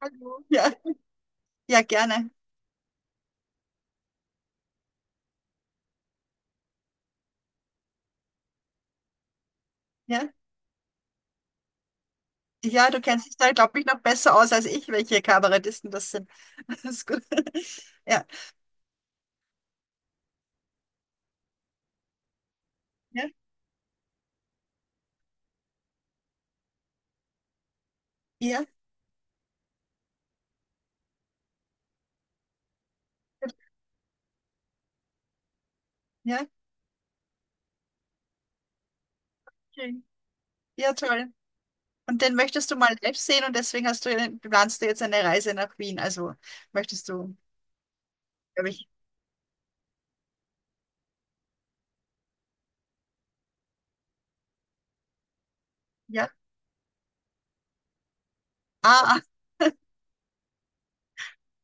Hallo. Ja, ja, gerne. Ja, ja, du kennst dich da, glaube ich, noch besser aus als ich, welche Kabarettisten das sind. Das ist gut. Ja, ja, ja, ja, schön. Ja, toll. Und den möchtest du mal live sehen und deswegen planst du jetzt eine Reise nach Wien. Also möchtest du, glaube ich, ja. Ah, ah,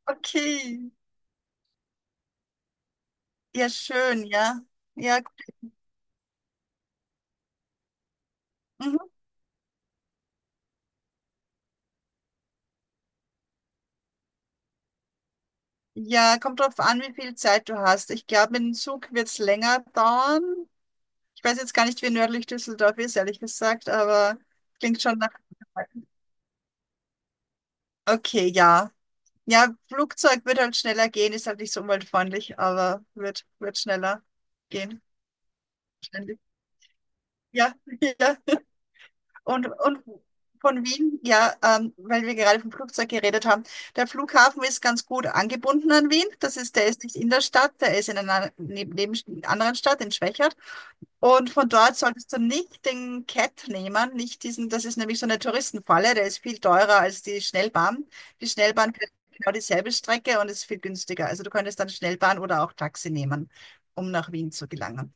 okay. Ja, schön, ja. Ja, mhm. Ja, kommt drauf an, wie viel Zeit du hast. Ich glaube, mit dem Zug wird es länger dauern. Ich weiß jetzt gar nicht, wie nördlich Düsseldorf ist, ehrlich gesagt, aber klingt schon nach. Okay, ja. Ja, Flugzeug wird halt schneller gehen, ist halt nicht so umweltfreundlich, aber wird schneller gehen wahrscheinlich. Ja, ja. Und von Wien, ja, weil wir gerade vom Flugzeug geredet haben, der Flughafen ist ganz gut angebunden an Wien. Das ist, der ist nicht in der Stadt, der ist in einer neben, anderen Stadt, in Schwächert. Und von dort solltest du nicht den Cat nehmen, nicht diesen, das ist nämlich so eine Touristenfalle, der ist viel teurer als die Schnellbahn. Die Schnellbahn fährt genau dieselbe Strecke und ist viel günstiger. Also du könntest dann Schnellbahn oder auch Taxi nehmen, um nach Wien zu gelangen.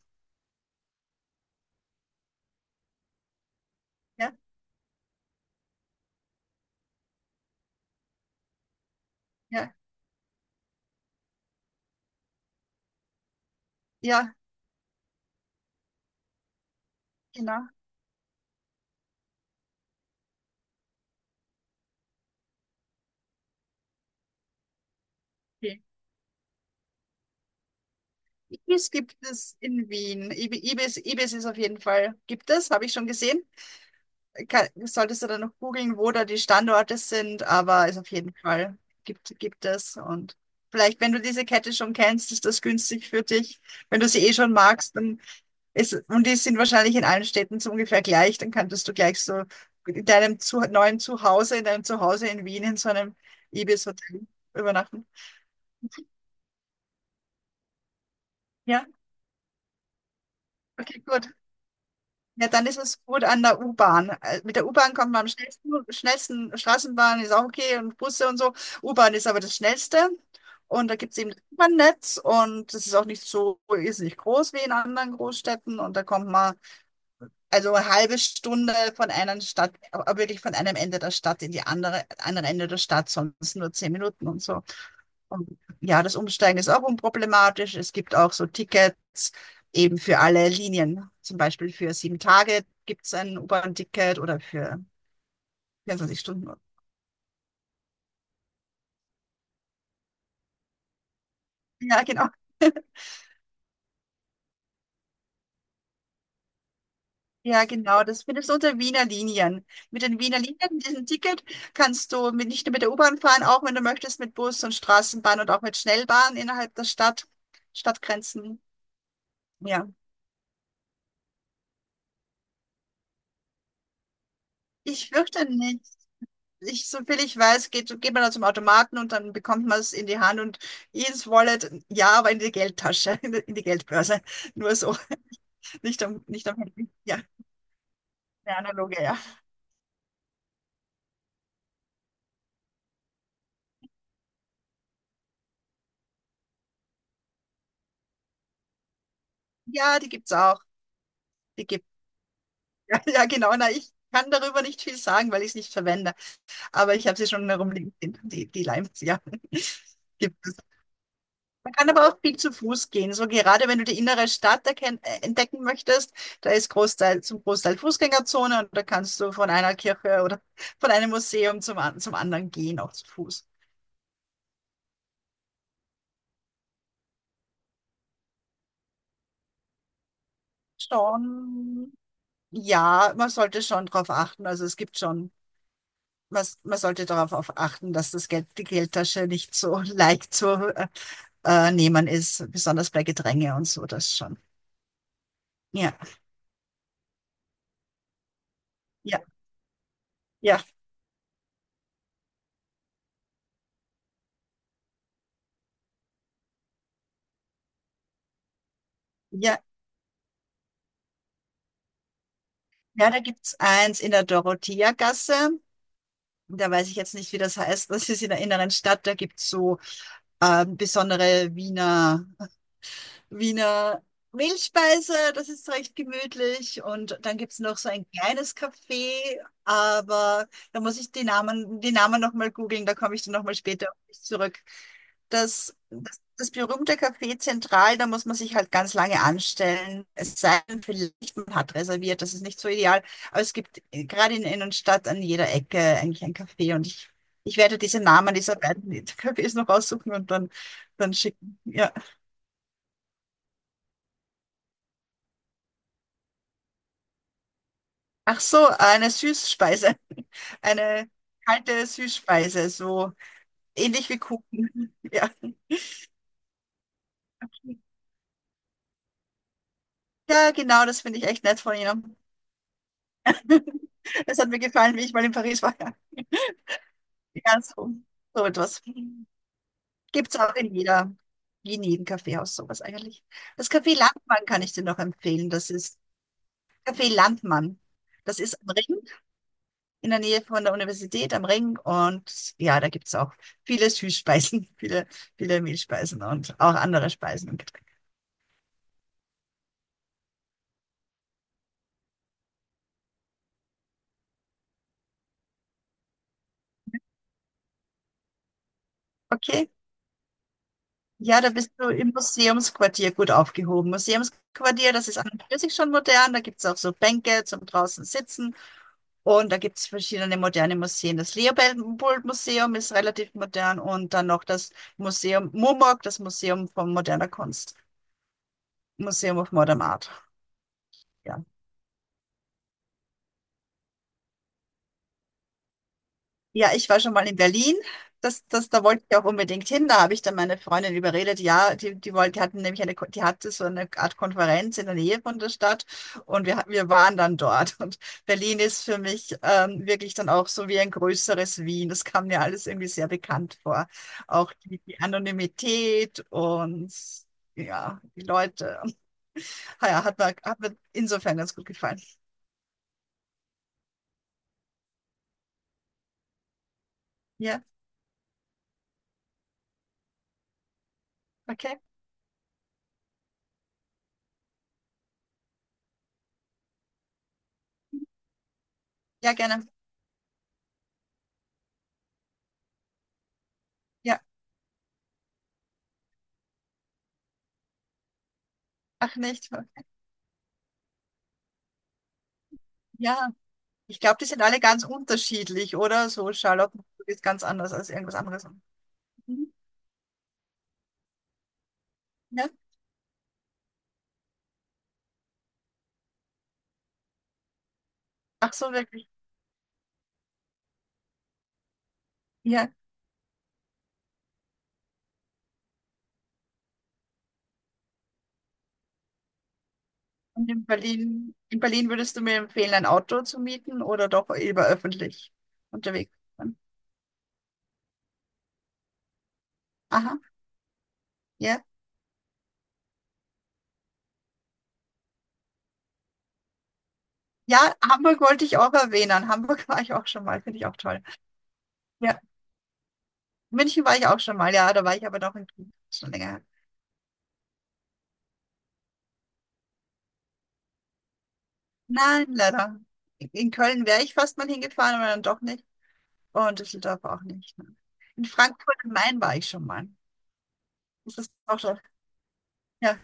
Ja, ja, ja, genau. Okay. Ibis gibt es in Wien. Ibis ist auf jeden Fall, gibt es, habe ich schon gesehen. Kann, solltest du dann noch googeln, wo da die Standorte sind, aber ist auf jeden Fall gibt es. Und vielleicht, wenn du diese Kette schon kennst, ist das günstig für dich. Wenn du sie eh schon magst, dann ist, und die sind wahrscheinlich in allen Städten so ungefähr gleich, dann könntest du gleich so in deinem neuen Zuhause, in deinem Zuhause in Wien in so einem Ibis-Hotel übernachten. Ja, okay, gut. Ja, dann ist es gut an der U-Bahn. Mit der U-Bahn kommt man am schnellsten. Straßenbahn ist auch okay und Busse und so. U-Bahn ist aber das Schnellste. Und da gibt es eben das U-Bahn-Netz und das ist auch nicht so, ist nicht groß wie in anderen Großstädten. Und da kommt man also eine halbe Stunde von einer Stadt, aber wirklich von einem Ende der Stadt in die andere, andere Ende der Stadt, sonst nur 10 Minuten und so. Und ja, das Umsteigen ist auch unproblematisch. Es gibt auch so Tickets eben für alle Linien. Zum Beispiel für 7 Tage gibt es ein U-Bahn-Ticket oder für 24 Stunden. Ja, genau. Ja, genau. Das findest du unter Wiener Linien. Mit den Wiener Linien, mit diesem Ticket, kannst du nicht nur mit der U-Bahn fahren, auch wenn du möchtest, mit Bus und Straßenbahn und auch mit Schnellbahn innerhalb der Stadt, Stadtgrenzen. Ja. Ich fürchte nicht. So viel ich weiß, geht man da zum Automaten und dann bekommt man es in die Hand und ins Wallet, ja, aber in die Geldtasche, in die Geldbörse. Nur so, nicht am Handy. Ja, eine analoge, ja. Ja, die gibt's auch. Die gibt, ja, ja, genau. Na, ich kann darüber nicht viel sagen, weil ich es nicht verwende. Aber ich habe sie schon herumliegen, die Limes, ja. Gibt es. Man kann aber auch viel zu Fuß gehen. So gerade wenn du die innere Stadt entdecken möchtest, da ist zum Großteil Fußgängerzone und da kannst du von einer Kirche oder von einem Museum zum anderen gehen, auch zu Fuß. Schon, ja, man sollte schon darauf achten. Also es gibt schon, man sollte darauf auf achten, dass das Geld, die Geldtasche nicht so leicht zu äh, nehmen ist, besonders bei Gedränge und so, das schon. Ja, ja, ja, ja. Ja, da gibt's eins in der Dorotheagasse. Da weiß ich jetzt nicht, wie das heißt. Das ist in der inneren Stadt. Da gibt's so besondere Wiener Mehlspeise, das ist recht gemütlich. Und dann gibt's noch so ein kleines Café, aber da muss ich die Namen nochmal googeln, da komme ich dann nochmal später auf dich zurück. Das berühmte Café Zentral, da muss man sich halt ganz lange anstellen. Es sei denn, vielleicht man hat reserviert, das ist nicht so ideal. Aber es gibt gerade in der Innenstadt an jeder Ecke eigentlich ein Café und ich werde diese Namen dieser beiden Cafés noch raussuchen und dann schicken. Ja. Ach so, eine Süßspeise. Eine kalte Süßspeise, so ähnlich wie Kuchen. Ja, ja genau, das finde ich echt nett von Ihnen. Es hat mir gefallen, wie ich mal in Paris war. Ja, ja so etwas. Gibt es auch in jedem Kaffeehaus sowas eigentlich. Das Café Landmann kann ich dir noch empfehlen. Das ist Café Landmann. Das ist am Ring. In der Nähe von der Universität am Ring. Und ja, da gibt es auch viele Süßspeisen, viele, viele Mehlspeisen und auch andere Speisen und Getränke. Okay. Ja, da bist du im Museumsquartier gut aufgehoben. Museumsquartier, das ist an und für sich schon modern. Da gibt es auch so Bänke zum draußen sitzen. Und da gibt es verschiedene moderne Museen. Das Leopold-Museum ist relativ modern und dann noch das Museum Mumok, das Museum von moderner Kunst, Museum of Modern Art. Ja. Ja, ich war schon mal in Berlin. Da wollte ich auch unbedingt hin. Da habe ich dann meine Freundin überredet. Ja, die wollte, die hatten nämlich die hatte so eine Art Konferenz in der Nähe von der Stadt und wir waren dann dort. Und Berlin ist für mich wirklich dann auch so wie ein größeres Wien. Das kam mir alles irgendwie sehr bekannt vor. Auch die Anonymität und ja, die Leute. Ah ja, hat mir insofern ganz gut gefallen. Ja, okay. Ja, gerne. Ja, ach nicht. Ja. Ich glaube, die sind alle ganz unterschiedlich, oder? So Charlottenburg ist ganz anders als irgendwas anderes. Mhm. Ja? Ach so, wirklich. Ja. Und in Berlin würdest du mir empfehlen, ein Auto zu mieten oder doch lieber öffentlich unterwegs zu sein? Aha, ja. Ja, Hamburg wollte ich auch erwähnen. Hamburg war ich auch schon mal, finde ich auch toll. Ja, München war ich auch schon mal, ja, da war ich aber doch in Köln. Schon länger her. Nein, leider. In Köln wäre ich fast mal hingefahren, aber dann doch nicht. Und Düsseldorf auch nicht, ne. In Frankfurt am Main war ich schon mal. Ist das auch schon? Ja.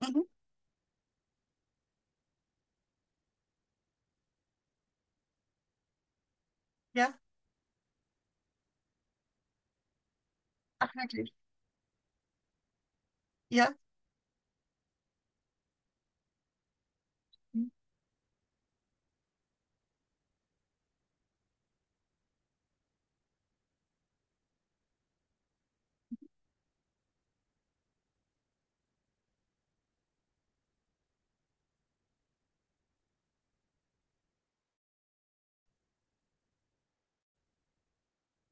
Mhm. Ja. Ach, wirklich. Ja. Mhm.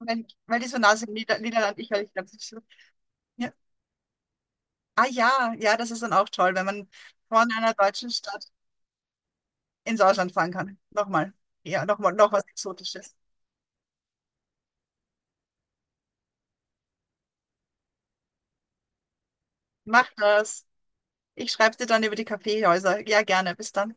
Weil die so nah sind, Niederland, weil ich glaube, das ist so. Ja. Ah ja, ja, das ist dann auch toll, wenn man von einer deutschen Stadt ins Ausland fahren kann. Nochmal. Ja, nochmal, noch was Exotisches. Mach das. Ich schreibe dir dann über die Kaffeehäuser. Ja, gerne. Bis dann.